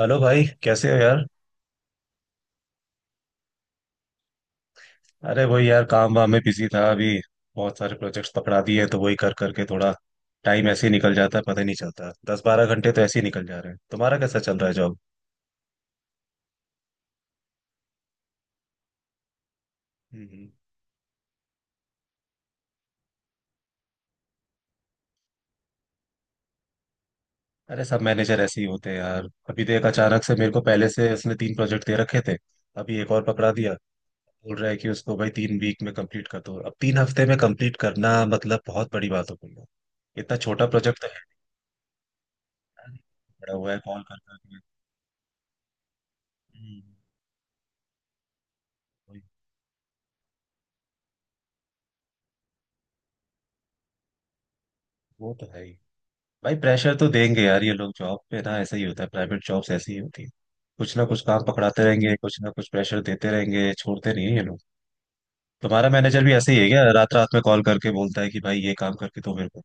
Hello भाई, कैसे हो यार। अरे वही यार, काम वाम में बिजी था अभी। बहुत सारे प्रोजेक्ट्स पकड़ा दिए हैं तो वही कर करके थोड़ा टाइम ऐसे ही निकल जाता है, पता ही नहीं चलता। 10-12 घंटे तो ऐसे ही निकल जा रहे हैं। तुम्हारा कैसा चल रहा है जॉब? हम्म। अरे सब मैनेजर ऐसे ही होते हैं यार। अभी देख, अचानक से मेरे को पहले से उसने तीन प्रोजेक्ट दे रखे थे, अभी एक और पकड़ा दिया। बोल रहा है कि उसको भाई 3 वीक में कंप्लीट कर दो। अब 3 हफ्ते में कंप्लीट करना मतलब बहुत बड़ी बात हो गई है। इतना छोटा प्रोजेक्ट तो है। बड़ा हुआ है कॉल कर करके। हम्म। वही- वो तो है ही। भाई प्रेशर तो देंगे यार ये लोग। जॉब पे ना ऐसा ही होता है, प्राइवेट जॉब्स ऐसी ही होती है। कुछ ना कुछ काम पकड़ाते रहेंगे, कुछ ना कुछ प्रेशर देते रहेंगे, छोड़ते नहीं है ये लोग। तुम्हारा मैनेजर भी ऐसे ही है क्या? रात रात में कॉल करके बोलता है कि भाई ये काम करके दो मेरे को।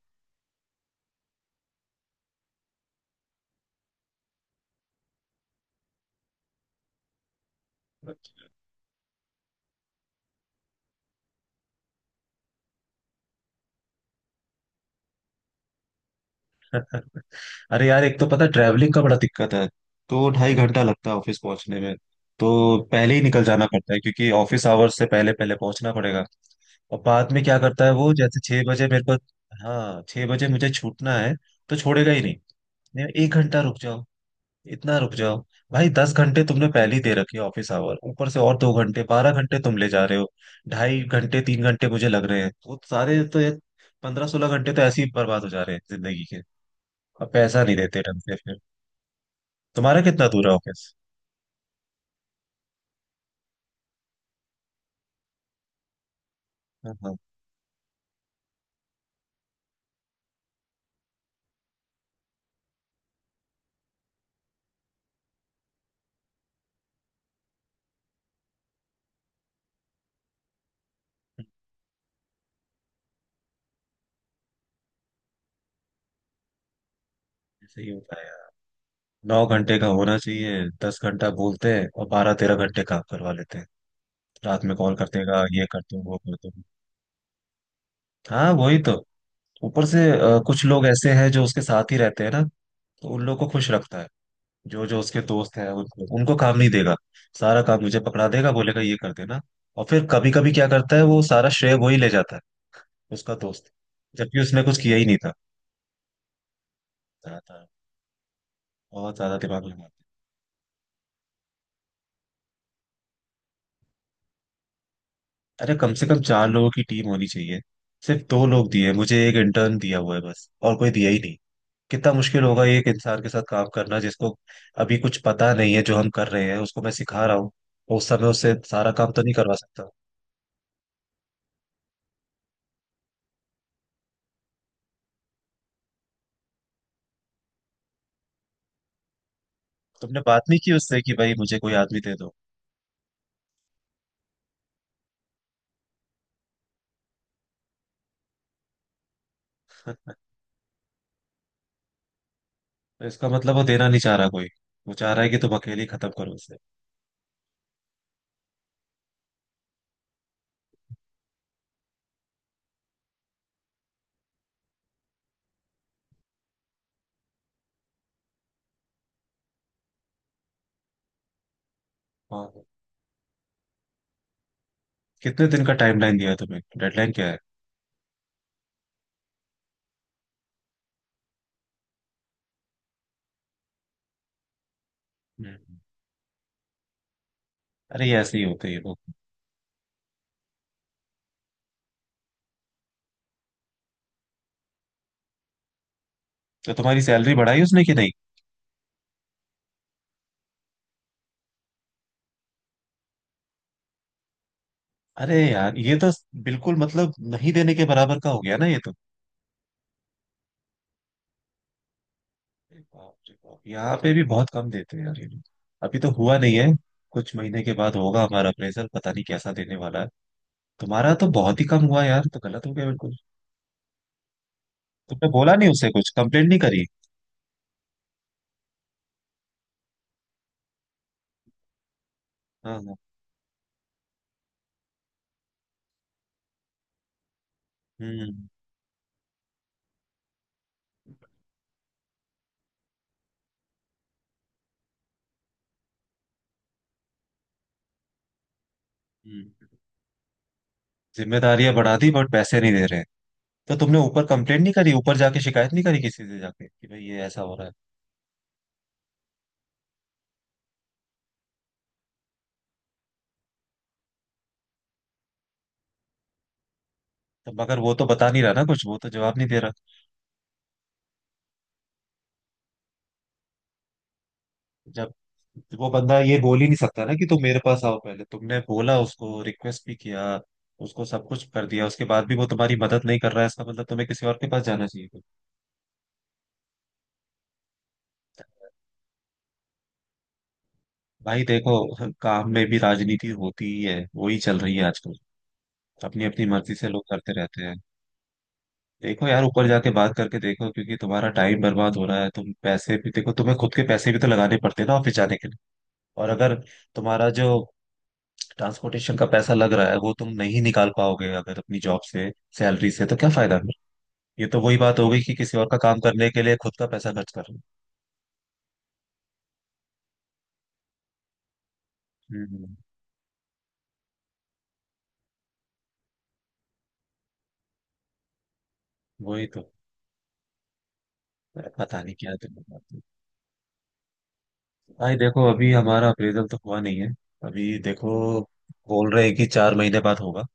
अरे यार, एक तो पता ट्रैवलिंग का बड़ा दिक्कत है। दो ढाई घंटा लगता है ऑफिस पहुंचने में। तो पहले ही निकल जाना पड़ता है क्योंकि ऑफिस आवर्स से पहले पहले पहुंचना पड़ेगा। और बाद में क्या करता है वो, जैसे 6 बजे मेरे को। हाँ, 6 बजे मुझे छूटना है तो छोड़ेगा ही नहीं। नहीं, 1 घंटा रुक जाओ, इतना रुक जाओ। भाई, दस घंटे तुमने पहले ही दे रखे ऑफिस आवर, ऊपर से और 2 घंटे, 12 घंटे तुम ले जा रहे हो। ढाई घंटे तीन घंटे मुझे लग रहे हैं वो सारे, तो ये 15-16 घंटे तो ऐसे ही बर्बाद हो जा रहे हैं जिंदगी के। अब पैसा नहीं देते ढंग से फिर। तुम्हारा कितना दूर है ऑफिस? हाँ हाँ। ऐसे ही होता है यार। 9 घंटे का होना चाहिए, 10 घंटा बोलते हैं और 12-13 घंटे काम करवा लेते हैं। रात में कॉल करते हैं, कहा, ये कर दो वो कर दो। हाँ वही तो। ऊपर से कुछ लोग ऐसे हैं जो उसके साथ ही रहते हैं ना, तो उन लोग को खुश रखता है। जो जो उसके दोस्त हैं उनको उनको काम नहीं देगा। सारा काम मुझे पकड़ा देगा, बोलेगा ये कर देना। और फिर कभी कभी क्या करता है, वो सारा श्रेय वो ही ले जाता है, उसका दोस्त, जबकि उसने कुछ किया ही नहीं था। ज्यादा बहुत ज्यादा दिमाग लगाते हैं। अरे कम से कम चार लोगों की टीम होनी चाहिए। सिर्फ दो लोग दिए मुझे, एक इंटर्न दिया हुआ है बस, और कोई दिया ही नहीं। कितना मुश्किल होगा एक इंसान के साथ काम करना जिसको अभी कुछ पता नहीं है। जो हम कर रहे हैं उसको मैं सिखा रहा हूँ, और उस समय उससे सारा काम तो नहीं करवा सकता। तुमने बात नहीं की उससे कि भाई मुझे कोई आदमी दे दो? तो इसका मतलब वो देना नहीं चाह रहा कोई, वो चाह रहा है कि तुम अकेले ही खत्म करो उसे। हाँ, कितने दिन का टाइमलाइन दिया है तुम्हें, डेडलाइन क्या है? हम्म। अरे ये ऐसे ही होते हैं वो। तो तुम्हारी सैलरी बढ़ाई उसने कि नहीं? अरे यार ये तो बिल्कुल मतलब नहीं देने के बराबर का हो गया ना ये तो। अरे बाप रे बाप, यहाँ पे भी बहुत कम देते हैं यार ये लोग। अभी तो हुआ नहीं है, कुछ महीने के बाद होगा हमारा अप्रेजल, पता नहीं कैसा देने वाला है। तुम्हारा तो बहुत ही कम हुआ यार, तो गलत हो गया बिल्कुल। तुमने बोला नहीं उसे, कुछ कंप्लेंट नहीं करी? हाँ हाँ, हम्म हम्म। जिम्मेदारियां बढ़ा दी बट पैसे नहीं दे रहे। तो तुमने ऊपर कंप्लेंट नहीं करी, ऊपर जाके शिकायत नहीं करी किसी से जाके कि भाई ये ऐसा हो रहा है? तो मगर वो तो बता नहीं रहा ना कुछ, वो तो जवाब नहीं दे रहा। जब वो बंदा ये बोल ही नहीं सकता ना कि तुम मेरे पास आओ पहले, तुमने बोला उसको, रिक्वेस्ट भी किया, उसको सब कुछ कर दिया, उसके बाद भी वो तुम्हारी मदद नहीं कर रहा है, इसका मतलब तुम्हें किसी और के पास जाना चाहिए था। भाई देखो, काम में भी राजनीति होती ही है, वही चल रही है आजकल। अपनी अपनी मर्जी से लोग करते रहते हैं। देखो यार, ऊपर जाके बात करके देखो, क्योंकि तुम्हारा टाइम बर्बाद हो रहा है। तुम पैसे भी देखो, तुम्हें खुद के पैसे भी तो लगाने पड़ते हैं ना ऑफिस जाने के लिए। और अगर तुम्हारा जो ट्रांसपोर्टेशन का पैसा लग रहा है वो तुम नहीं निकाल पाओगे अगर अपनी जॉब से सैलरी से, तो क्या फायदा फिर? ये तो वही बात हो गई कि किसी और का काम करने के लिए खुद का पैसा खर्च कर रहे हो। हम्म हम्म, हम्म। वही तो। पता नहीं क्या दिमाग। भाई देखो, अभी हमारा अप्रेजल तो हुआ नहीं है। अभी देखो, बोल रहे हैं कि 4 महीने बाद होगा।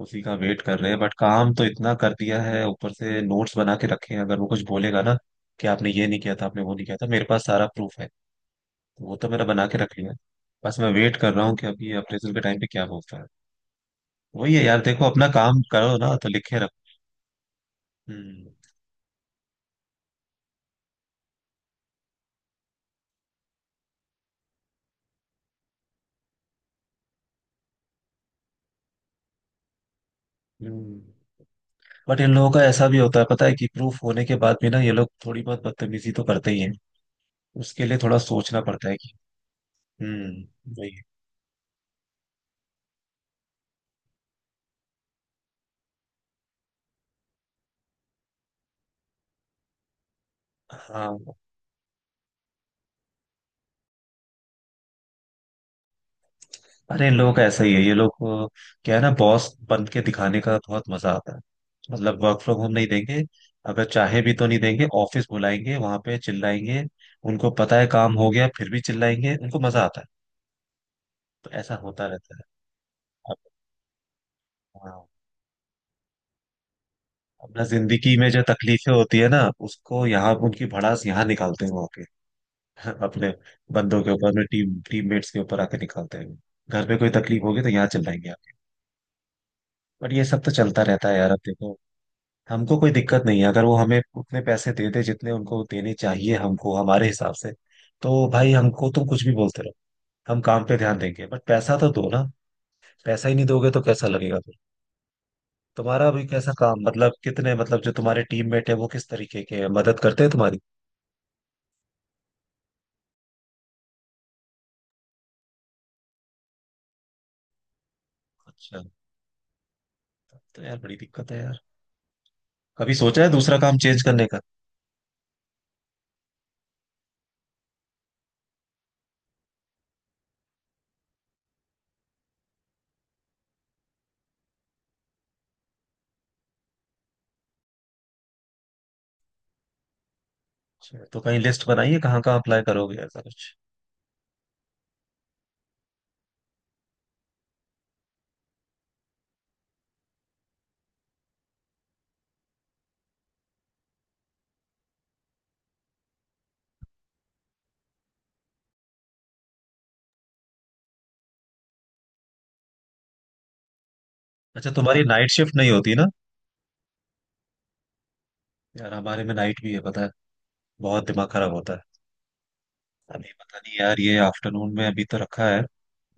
उसी का वेट कर रहे हैं, बट काम तो इतना कर दिया है, ऊपर से नोट्स बना के रखे हैं। अगर वो कुछ बोलेगा ना कि आपने ये नहीं किया था, आपने वो नहीं किया था, मेरे पास सारा प्रूफ है। तो वो तो मैंने बना के रख लिया है। बस मैं वेट कर रहा हूँ कि अभी अप्रेजल के टाइम पे क्या बोलता है। वही है यार, देखो अपना काम करो ना तो लिखे रखो। हम्म हम्म। बट इन लोगों का ऐसा भी होता है, पता है, कि प्रूफ होने के बाद भी ना ये लोग थोड़ी बहुत बदतमीजी तो करते ही हैं, उसके लिए थोड़ा सोचना पड़ता है कि। वही है। हाँ। अरे इन लोगों का ऐसा ही है, ये लोग को क्या है ना, बॉस बन के दिखाने का बहुत मजा आता है। मतलब वर्क फ्रॉम होम नहीं देंगे, अगर चाहे भी तो नहीं देंगे। ऑफिस बुलाएंगे, वहां पे चिल्लाएंगे। उनको पता है काम हो गया, फिर भी चिल्लाएंगे, उनको मजा आता है। तो ऐसा होता रहता है। अब हाँ, अपना जिंदगी में जो तकलीफें होती है ना, उसको यहाँ उनकी भड़ास यहाँ निकालते हैं वहाँ के। अपने बंदों के ऊपर, अपने टीममेट्स के ऊपर आके निकालते हैं। घर पे कोई तकलीफ होगी तो यहाँ चिल्लाएंगे आके। बट ये सब तो चलता रहता है यार। अब देखो, हमको कोई दिक्कत नहीं है अगर वो हमें उतने पैसे दे दे जितने उनको देने चाहिए, हमको हमारे हिसाब से। तो भाई हमको तुम कुछ भी बोलते रहो, हम काम पे ध्यान देंगे, बट पैसा तो दो ना। पैसा ही नहीं दोगे तो कैसा लगेगा फिर? तुम्हारा अभी कैसा काम, मतलब कितने, मतलब जो तुम्हारे टीममेट है वो किस तरीके के हैं, मदद करते हैं तुम्हारी? अच्छा, तब तो यार बड़ी दिक्कत है यार। कभी सोचा है दूसरा काम चेंज करने का? अच्छा, तो कहीं लिस्ट बनाइए कहाँ कहाँ अप्लाई करोगे ऐसा कुछ? अच्छा, तुम्हारी नाइट शिफ्ट नहीं होती ना? यार हमारे में नाइट भी है पता है, बहुत दिमाग खराब होता है। अभी पता नहीं यार, ये आफ्टरनून में अभी तो रखा है।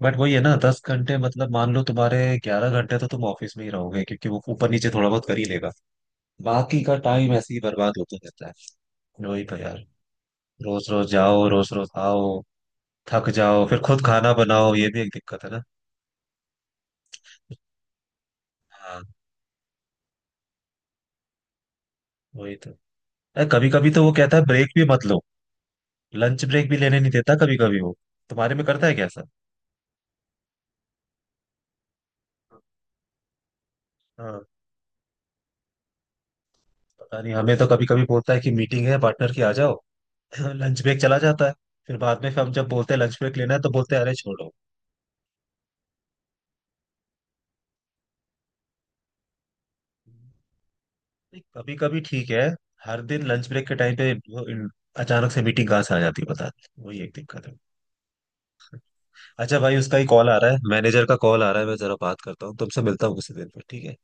बट वही है ना, 10 घंटे मतलब मान लो तुम्हारे 11 घंटे तो तुम ऑफिस में ही रहोगे, क्योंकि वो ऊपर नीचे थोड़ा बहुत कर ही लेगा। बाकी का टाइम ऐसे ही बर्बाद होता रहता है। वही तो यार, रोज रोज जाओ रोज रोज आओ, थक जाओ, फिर खुद खाना बनाओ, ये भी एक दिक्कत है ना। हाँ वही तो। अरे कभी कभी तो वो कहता है ब्रेक भी मत लो, लंच ब्रेक भी लेने नहीं देता कभी कभी वो। तुम्हारे में करता है क्या ऐसा? हाँ, पता नहीं, हमें तो कभी कभी बोलता है कि मीटिंग है पार्टनर की आ जाओ, लंच ब्रेक चला जाता है। फिर बाद में हम जब बोलते हैं लंच ब्रेक लेना है, तो बोलते हैं अरे छोड़ो। कभी कभी ठीक है, हर दिन लंच ब्रेक के टाइम पे वो अचानक से मीटिंग कहाँ से आ जाती है बता। वही एक दिक्कत है। अच्छा भाई, उसका ही कॉल आ रहा है, मैनेजर का कॉल आ रहा है। मैं जरा बात करता हूँ, तुमसे मिलता हूँ उसी दिन पर, ठीक है।